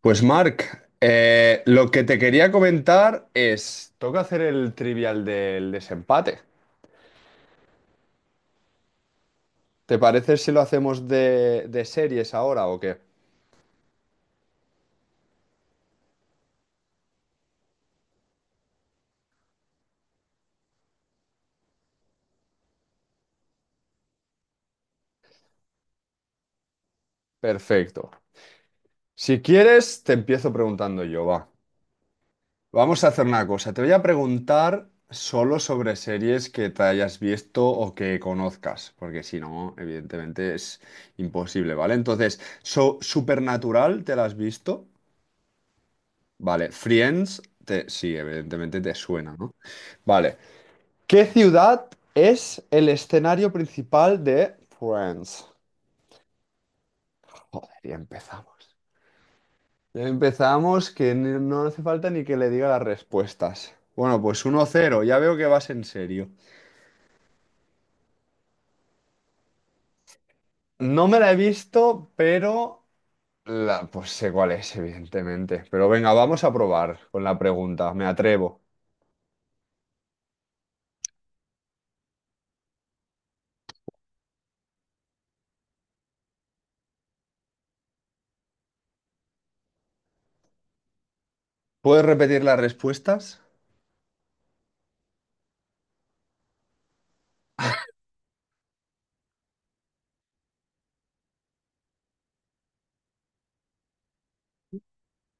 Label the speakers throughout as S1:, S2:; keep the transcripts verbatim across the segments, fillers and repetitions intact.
S1: Pues Marc, eh, lo que te quería comentar es, toca hacer el trivial del desempate. ¿Te parece si lo hacemos de, de series ahora o qué? Perfecto. Si quieres, te empiezo preguntando yo, va. Vamos a hacer una cosa. Te voy a preguntar solo sobre series que te hayas visto o que conozcas, porque si no, evidentemente es imposible, ¿vale? Entonces, so- Supernatural, ¿te la has visto? Vale, Friends, te- sí, evidentemente te suena, ¿no? Vale. ¿Qué ciudad es el escenario principal de Friends? Joder, ya empezamos. Ya empezamos que ni- no hace falta ni que le diga las respuestas. Bueno, pues uno cero. Ya veo que vas en serio. No me la he visto, pero la, pues sé cuál es, evidentemente. Pero venga, vamos a probar con la pregunta, me atrevo. ¿Puedes repetir las respuestas?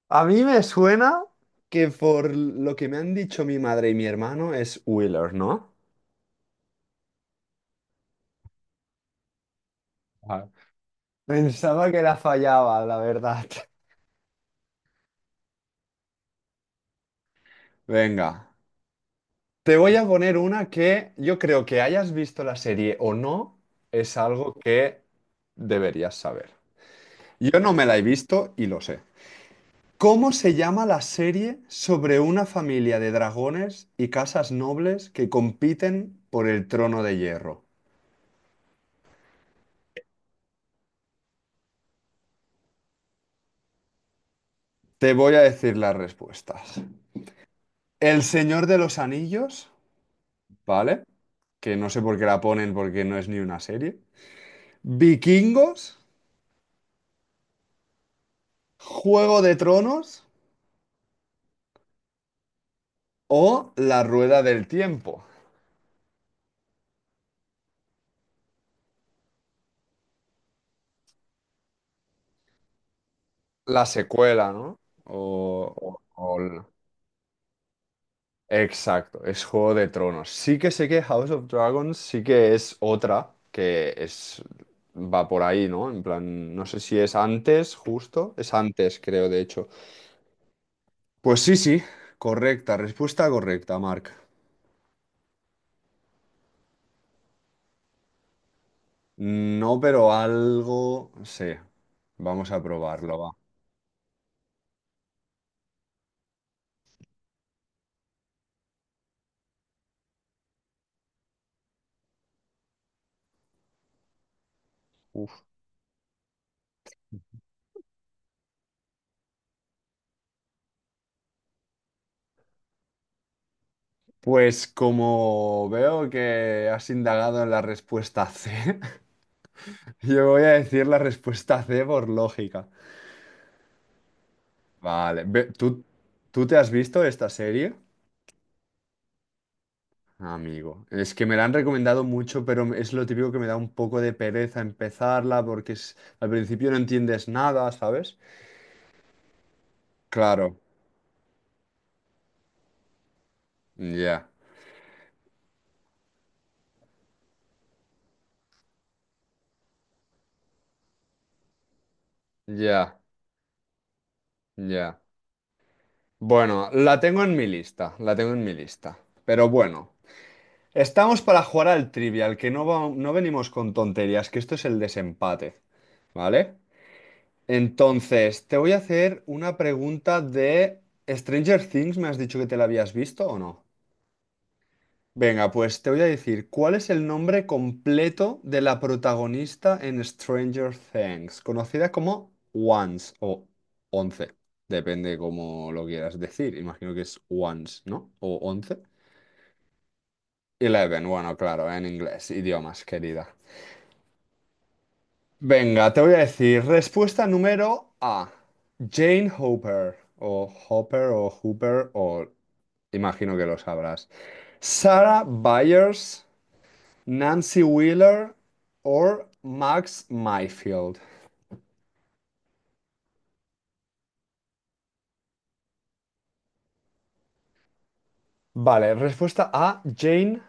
S1: A mí me suena que por lo que me han dicho mi madre y mi hermano es Wheeler, ¿no? Ajá. Pensaba que la fallaba, la verdad. Venga, te voy a poner una que yo creo que hayas visto la serie o no, es algo que deberías saber. Yo no me la he visto y lo sé. ¿Cómo se llama la serie sobre una familia de dragones y casas nobles que compiten por el trono de hierro? Te voy a decir las respuestas. El Señor de los Anillos, ¿vale? Que no sé por qué la ponen porque no es ni una serie. Vikingos, Juego de Tronos o La Rueda del Tiempo. La secuela, ¿no? O, o- o el- Exacto, es Juego de Tronos. Sí que sé que House of Dragons sí que es otra que es va por ahí, ¿no? En plan, no sé si es antes, justo. Es antes, creo, de hecho. Pues sí, sí, correcta, respuesta correcta, Mark. No, pero algo no sé. Vamos a probarlo, va. Uf. Pues como veo que has indagado en la respuesta C, yo voy a decir la respuesta C por lógica. Vale, ve- ¿tú, tú te has visto esta serie? Amigo, es que me la han recomendado mucho, pero es lo típico que me da un poco de pereza empezarla porque es, al principio no entiendes nada, ¿sabes? Claro, ya, ya, ya. Bueno, la tengo en mi lista, la tengo en mi lista. Pero bueno, estamos para jugar al trivial, que no, va- no venimos con tonterías, que esto es el desempate, ¿vale? Entonces, te voy a hacer una pregunta de Stranger Things, ¿me has dicho que te la habías visto o no? Venga, pues te voy a decir, ¿cuál es el nombre completo de la protagonista en Stranger Things? Conocida como Once o Once, depende cómo lo quieras decir. Imagino que es Once, ¿no? O Once. Eleven, bueno, claro, en inglés, idiomas, querida. Venga, te voy a decir, respuesta número A, Jane Hopper, o Hopper, o Hooper, o imagino que lo sabrás. Sarah Byers. Nancy Wheeler o Max Mayfield. Vale, respuesta A, Jane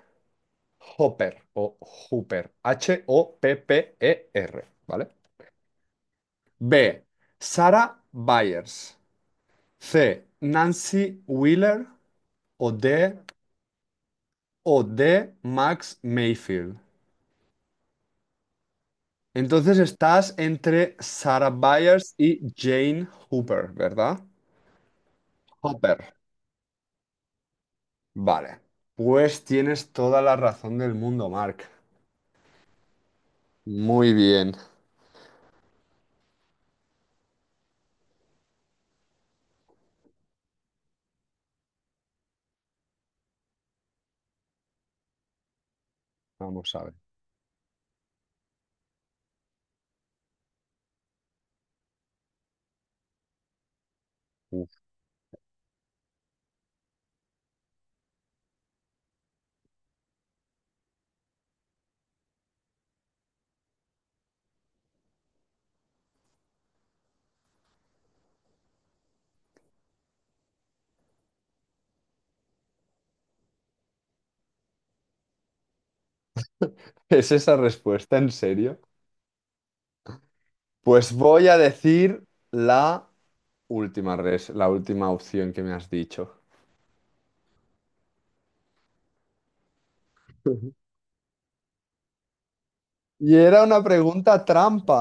S1: Hopper o Hooper, H O P P E R, ¿vale? B, Sarah Byers. C, Nancy Wheeler o D, o D, Max Mayfield. Entonces estás entre Sarah Byers y Jane Hooper, ¿verdad? Hopper. Vale. Pues tienes toda la razón del mundo, Mark. Muy bien. Vamos a ver. Uf. ¿Es esa respuesta en serio? Pues voy a decir la última res, la última opción que me has dicho. Ujú. Y era una pregunta trampa.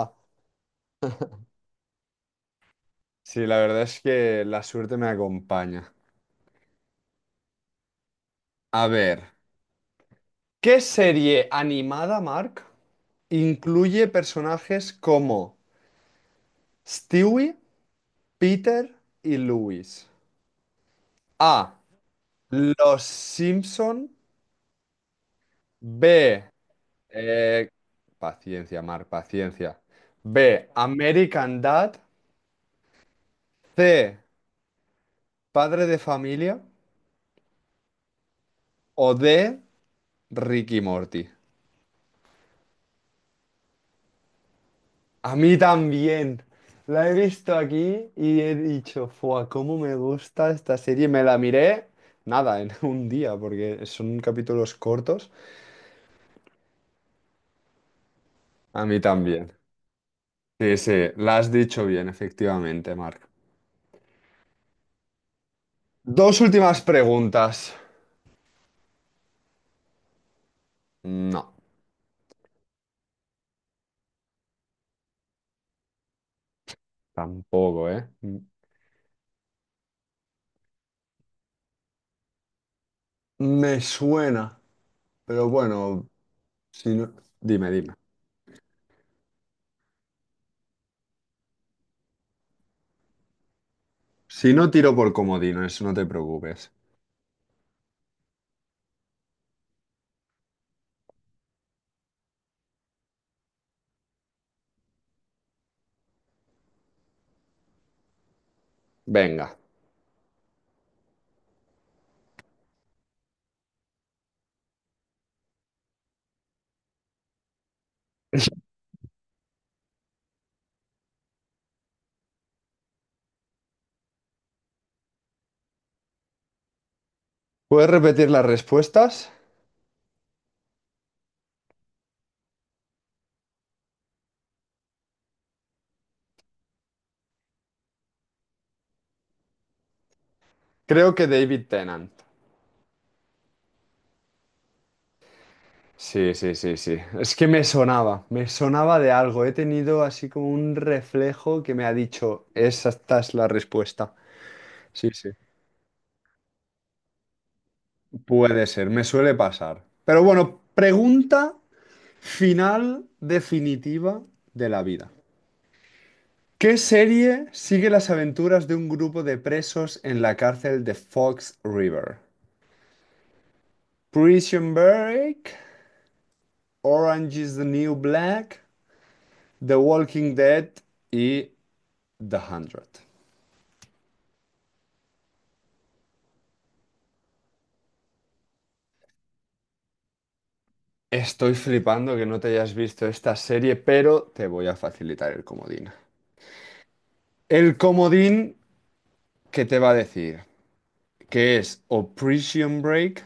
S1: Sí, la verdad es que la suerte me acompaña. A ver, ¿qué serie animada, Mark, incluye personajes como Stewie, Peter y Louis? A. Los Simpson. B. Eh, paciencia, Mar, paciencia. B, American Dad. C, Padre de Familia. O D, Ricky Morty. A mí también. La he visto aquí y he dicho, ¡fua! ¿Cómo me gusta esta serie? Me la miré, nada, en un día, porque son capítulos cortos. A mí también. Sí, sí, la has dicho bien, efectivamente, Marc. Dos últimas preguntas. No, tampoco, ¿eh? Me suena. Pero bueno, si no... Dime, dime. Si no tiro por comodines, no te preocupes. Venga. ¿Puedes repetir las respuestas? Creo que David Tennant. Sí, sí, sí, sí. Es que me sonaba, me sonaba de algo. He tenido así como un reflejo que me ha dicho, esa esta es la respuesta. Sí, sí. Puede ser, me suele pasar. Pero bueno, pregunta final definitiva de la vida. ¿Qué serie sigue las aventuras de un grupo de presos en la cárcel de Fox River? Prison Break, Orange is the New Black, The Walking Dead y The Hundred. Estoy flipando que no te hayas visto esta serie, pero te voy a facilitar el comodín. El comodín que te va a decir que es o Prison Break.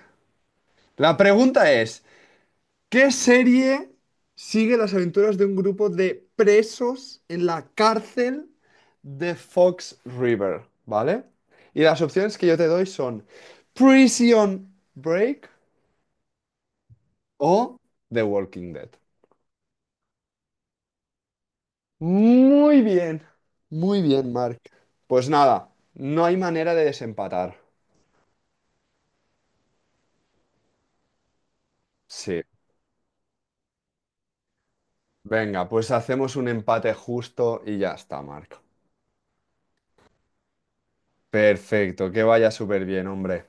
S1: La pregunta es, ¿Qué serie sigue las aventuras de un grupo de presos en la cárcel de Fox River? ¿Vale? Y las opciones que yo te doy son Prison Break o The Walking Dead. Muy bien, muy bien, Mark. Pues nada, no hay manera de desempatar. Sí. Venga, pues hacemos un empate justo y ya está, Mark. Perfecto, que vaya súper bien, hombre.